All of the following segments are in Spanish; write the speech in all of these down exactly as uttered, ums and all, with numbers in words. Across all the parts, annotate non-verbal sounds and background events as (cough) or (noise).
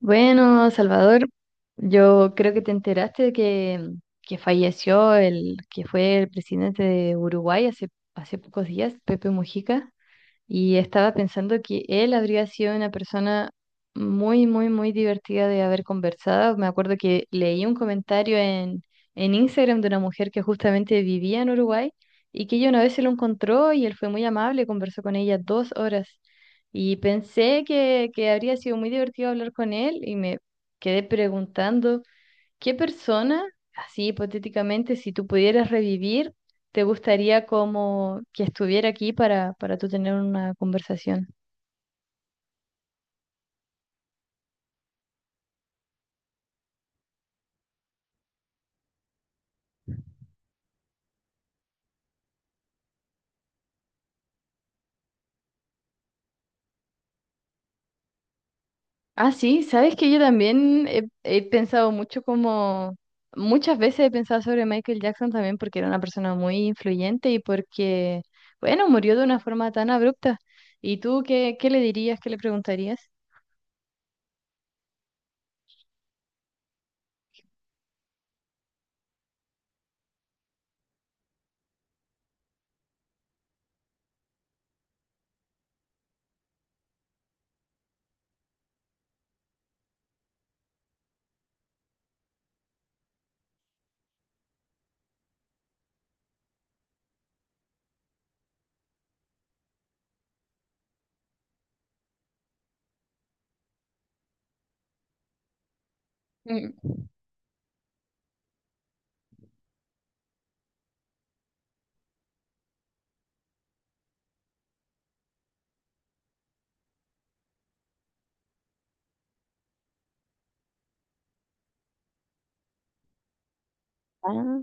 Bueno, Salvador, yo creo que te enteraste de que, que falleció el que fue el presidente de Uruguay hace, hace pocos días, Pepe Mujica. Y estaba pensando que él habría sido una persona muy, muy, muy divertida de haber conversado. Me acuerdo que leí un comentario en, en Instagram de una mujer que justamente vivía en Uruguay y que ella una vez se lo encontró y él fue muy amable, conversó con ella dos horas. Y pensé que, que habría sido muy divertido hablar con él y me quedé preguntando. ¿Qué persona, así hipotéticamente, si tú pudieras revivir, te gustaría como que estuviera aquí para, para tú tener una conversación? Ah, sí, sabes que yo también he, he pensado mucho como, muchas veces he pensado sobre Michael Jackson también porque era una persona muy influyente y porque, bueno, murió de una forma tan abrupta. ¿Y tú qué, qué le dirías, qué le preguntarías? Mm. Ah.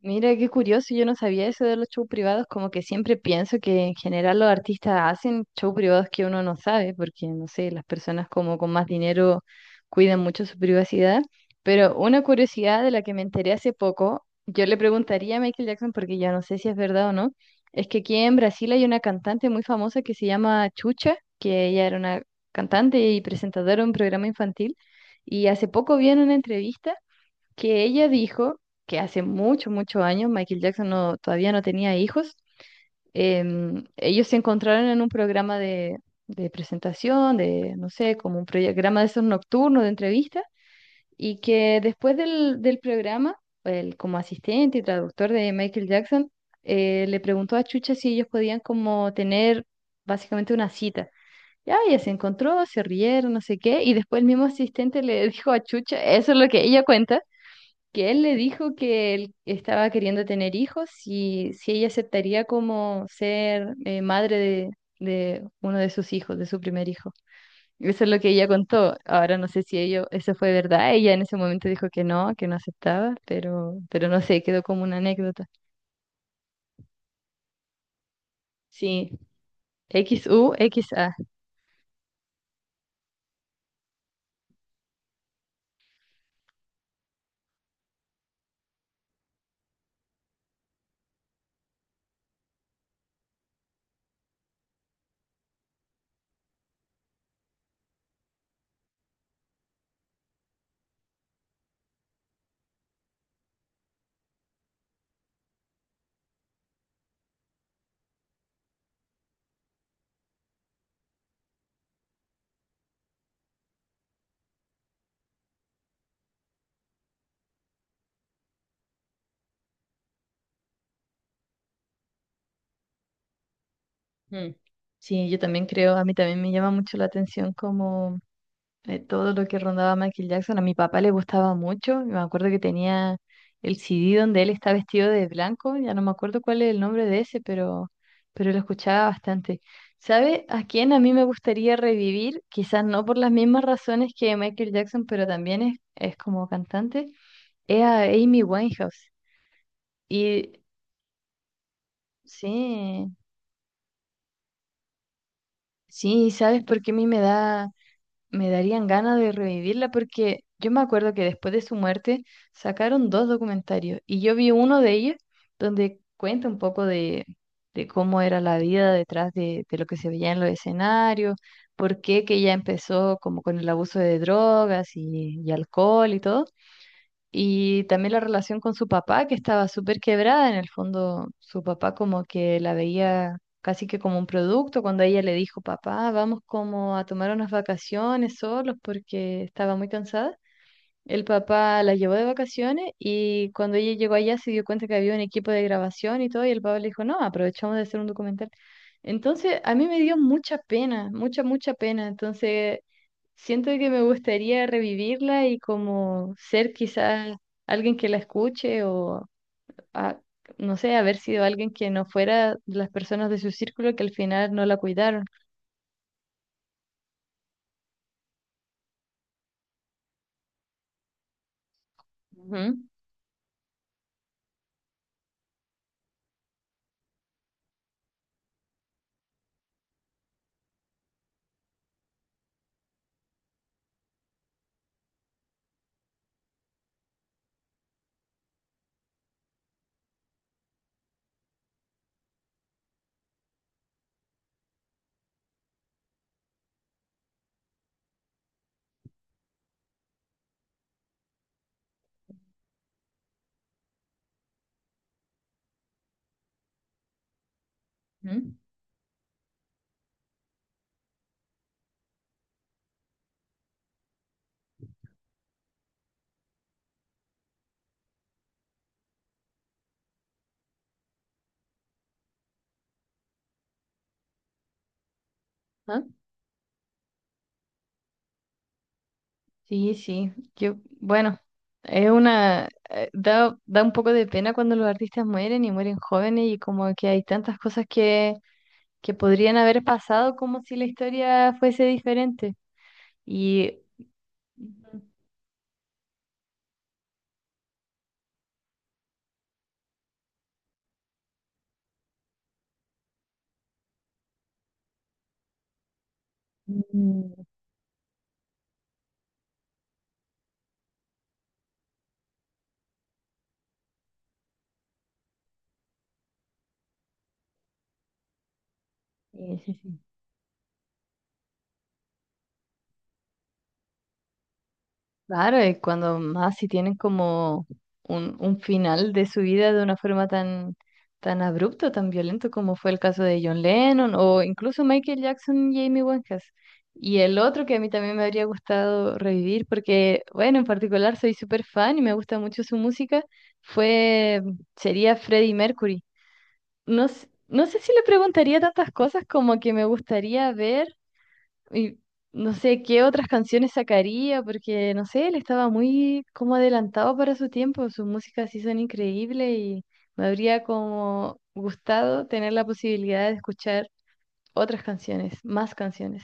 Mira, qué curioso, yo no sabía eso de los shows privados, como que siempre pienso que en general los artistas hacen shows privados que uno no sabe, porque no sé, las personas como con más dinero cuidan mucho su privacidad, pero una curiosidad de la que me enteré hace poco, yo le preguntaría a Michael Jackson, porque ya no sé si es verdad o no, es que aquí en Brasil hay una cantante muy famosa que se llama Chucha, que ella era una cantante y presentadora de un programa infantil, y hace poco vi en una entrevista que ella dijo que hace mucho muchos años Michael Jackson no- todavía no tenía hijos. em, ellos se encontraron en un programa de, de presentación, de, no sé, como un programa de esos nocturnos de entrevista, y que después del, del programa, él como asistente y traductor de Michael Jackson, eh, le preguntó a Chucha si ellos podían como tener básicamente una cita. Ya, ella se encontró, se rieron, no sé qué, y después el mismo asistente le (laughs) dijo a Chucha, eso es lo que ella cuenta, que él le dijo que él estaba queriendo tener hijos y si ella aceptaría como ser eh, madre de, de uno de sus hijos, de su primer hijo. Eso es lo que ella contó. Ahora no sé si ello, eso fue verdad. Ella en ese momento dijo que no, que no aceptaba, pero, pero no sé, quedó como una anécdota. Sí, equis u, equis a. Mm. Sí, yo también creo, a mí también me llama mucho la atención como eh, todo lo que rondaba Michael Jackson. A mi papá le gustaba mucho. Me acuerdo que tenía el C D donde él está vestido de blanco. Ya no me acuerdo cuál es el nombre de ese, pero, pero lo escuchaba bastante. ¿Sabe a quién a mí me gustaría revivir? Quizás no por las mismas razones que Michael Jackson, pero también es, es como cantante. Es a Amy Winehouse. Y sí, sí, ¿sabes por qué a mí me da... me darían ganas de revivirla porque yo me acuerdo que después de su muerte sacaron dos documentarios y yo vi uno de ellos donde cuenta un poco de, de cómo era la vida detrás de, de lo que se veía en los escenarios, por qué que ella empezó como con el abuso de drogas y, y alcohol y todo. Y también la relación con su papá, que estaba súper quebrada. En el fondo, su papá como que la veía casi que como un producto. Cuando ella le dijo, papá, vamos como a tomar unas vacaciones solos porque estaba muy cansada. El papá la llevó de vacaciones y cuando ella llegó allá se dio cuenta que había un equipo de grabación y todo, y el papá le dijo, no, aprovechamos de hacer un documental. Entonces, a mí me dio mucha pena, mucha, mucha pena. Entonces, siento que me gustaría revivirla y como ser quizás alguien que la escuche o, a- no sé, haber sido alguien que no fuera de las personas de su círculo que al final no la cuidaron. Ujú, ujú. ¿Ah? Sí, sí, yo, bueno, es una, eh, da, da un poco de pena cuando los artistas mueren y mueren jóvenes y como que hay tantas cosas que, que podrían haber pasado como si la historia fuese diferente. Y ujú. Mm, sí, sí, sí. Claro, y cuando más si tienen como un, un final de su vida de una forma tan, tan abrupto, tan violento como fue el caso de John Lennon o incluso Michael Jackson y Amy Winehouse. Y el otro que a mí también me habría gustado revivir porque, bueno, en particular soy súper fan y me gusta mucho su música, fue, sería Freddie Mercury. No, s- no sé si le preguntaría tantas cosas como que me gustaría ver. Y no sé qué otras canciones sacaría, porque no sé, él estaba muy como adelantado para su tiempo, sus músicas sí son increíbles y me habría como gustado tener la posibilidad de escuchar otras canciones, más canciones.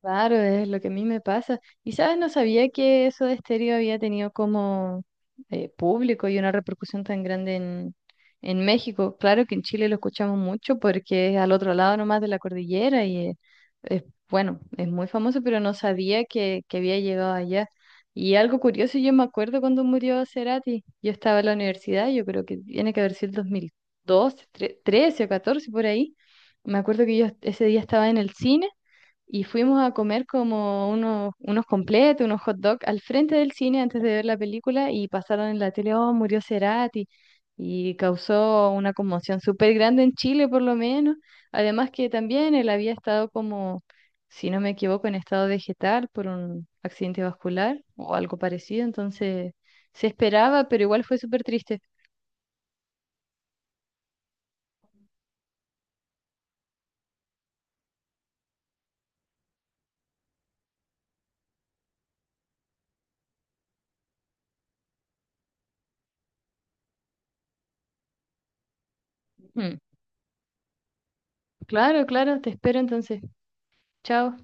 Claro, es lo que a mí me pasa. Y sabes, no sabía que eso de estéreo había tenido como eh, público y una repercusión tan grande en, en México. Claro que en Chile lo escuchamos mucho porque es al otro lado nomás de la cordillera y eh, es, bueno, es muy famoso, pero no sabía que, que había llegado allá. Y algo curioso, yo me acuerdo cuando murió Cerati, yo estaba en la universidad, yo creo que tiene que haber sido el dos mil doce, tre- trece o catorce por ahí. Me acuerdo que yo ese día estaba en el cine. Y fuimos a comer como unos, unos completos, unos hot dogs al frente del cine antes de ver la película y pasaron en la tele, oh, murió Cerati y causó una conmoción súper grande en Chile por lo menos. Además que también él había estado como, si no me equivoco, en estado vegetal por un accidente vascular o algo parecido, entonces se esperaba, pero igual fue súper triste. Mm. Claro, claro, te espero entonces. Chao.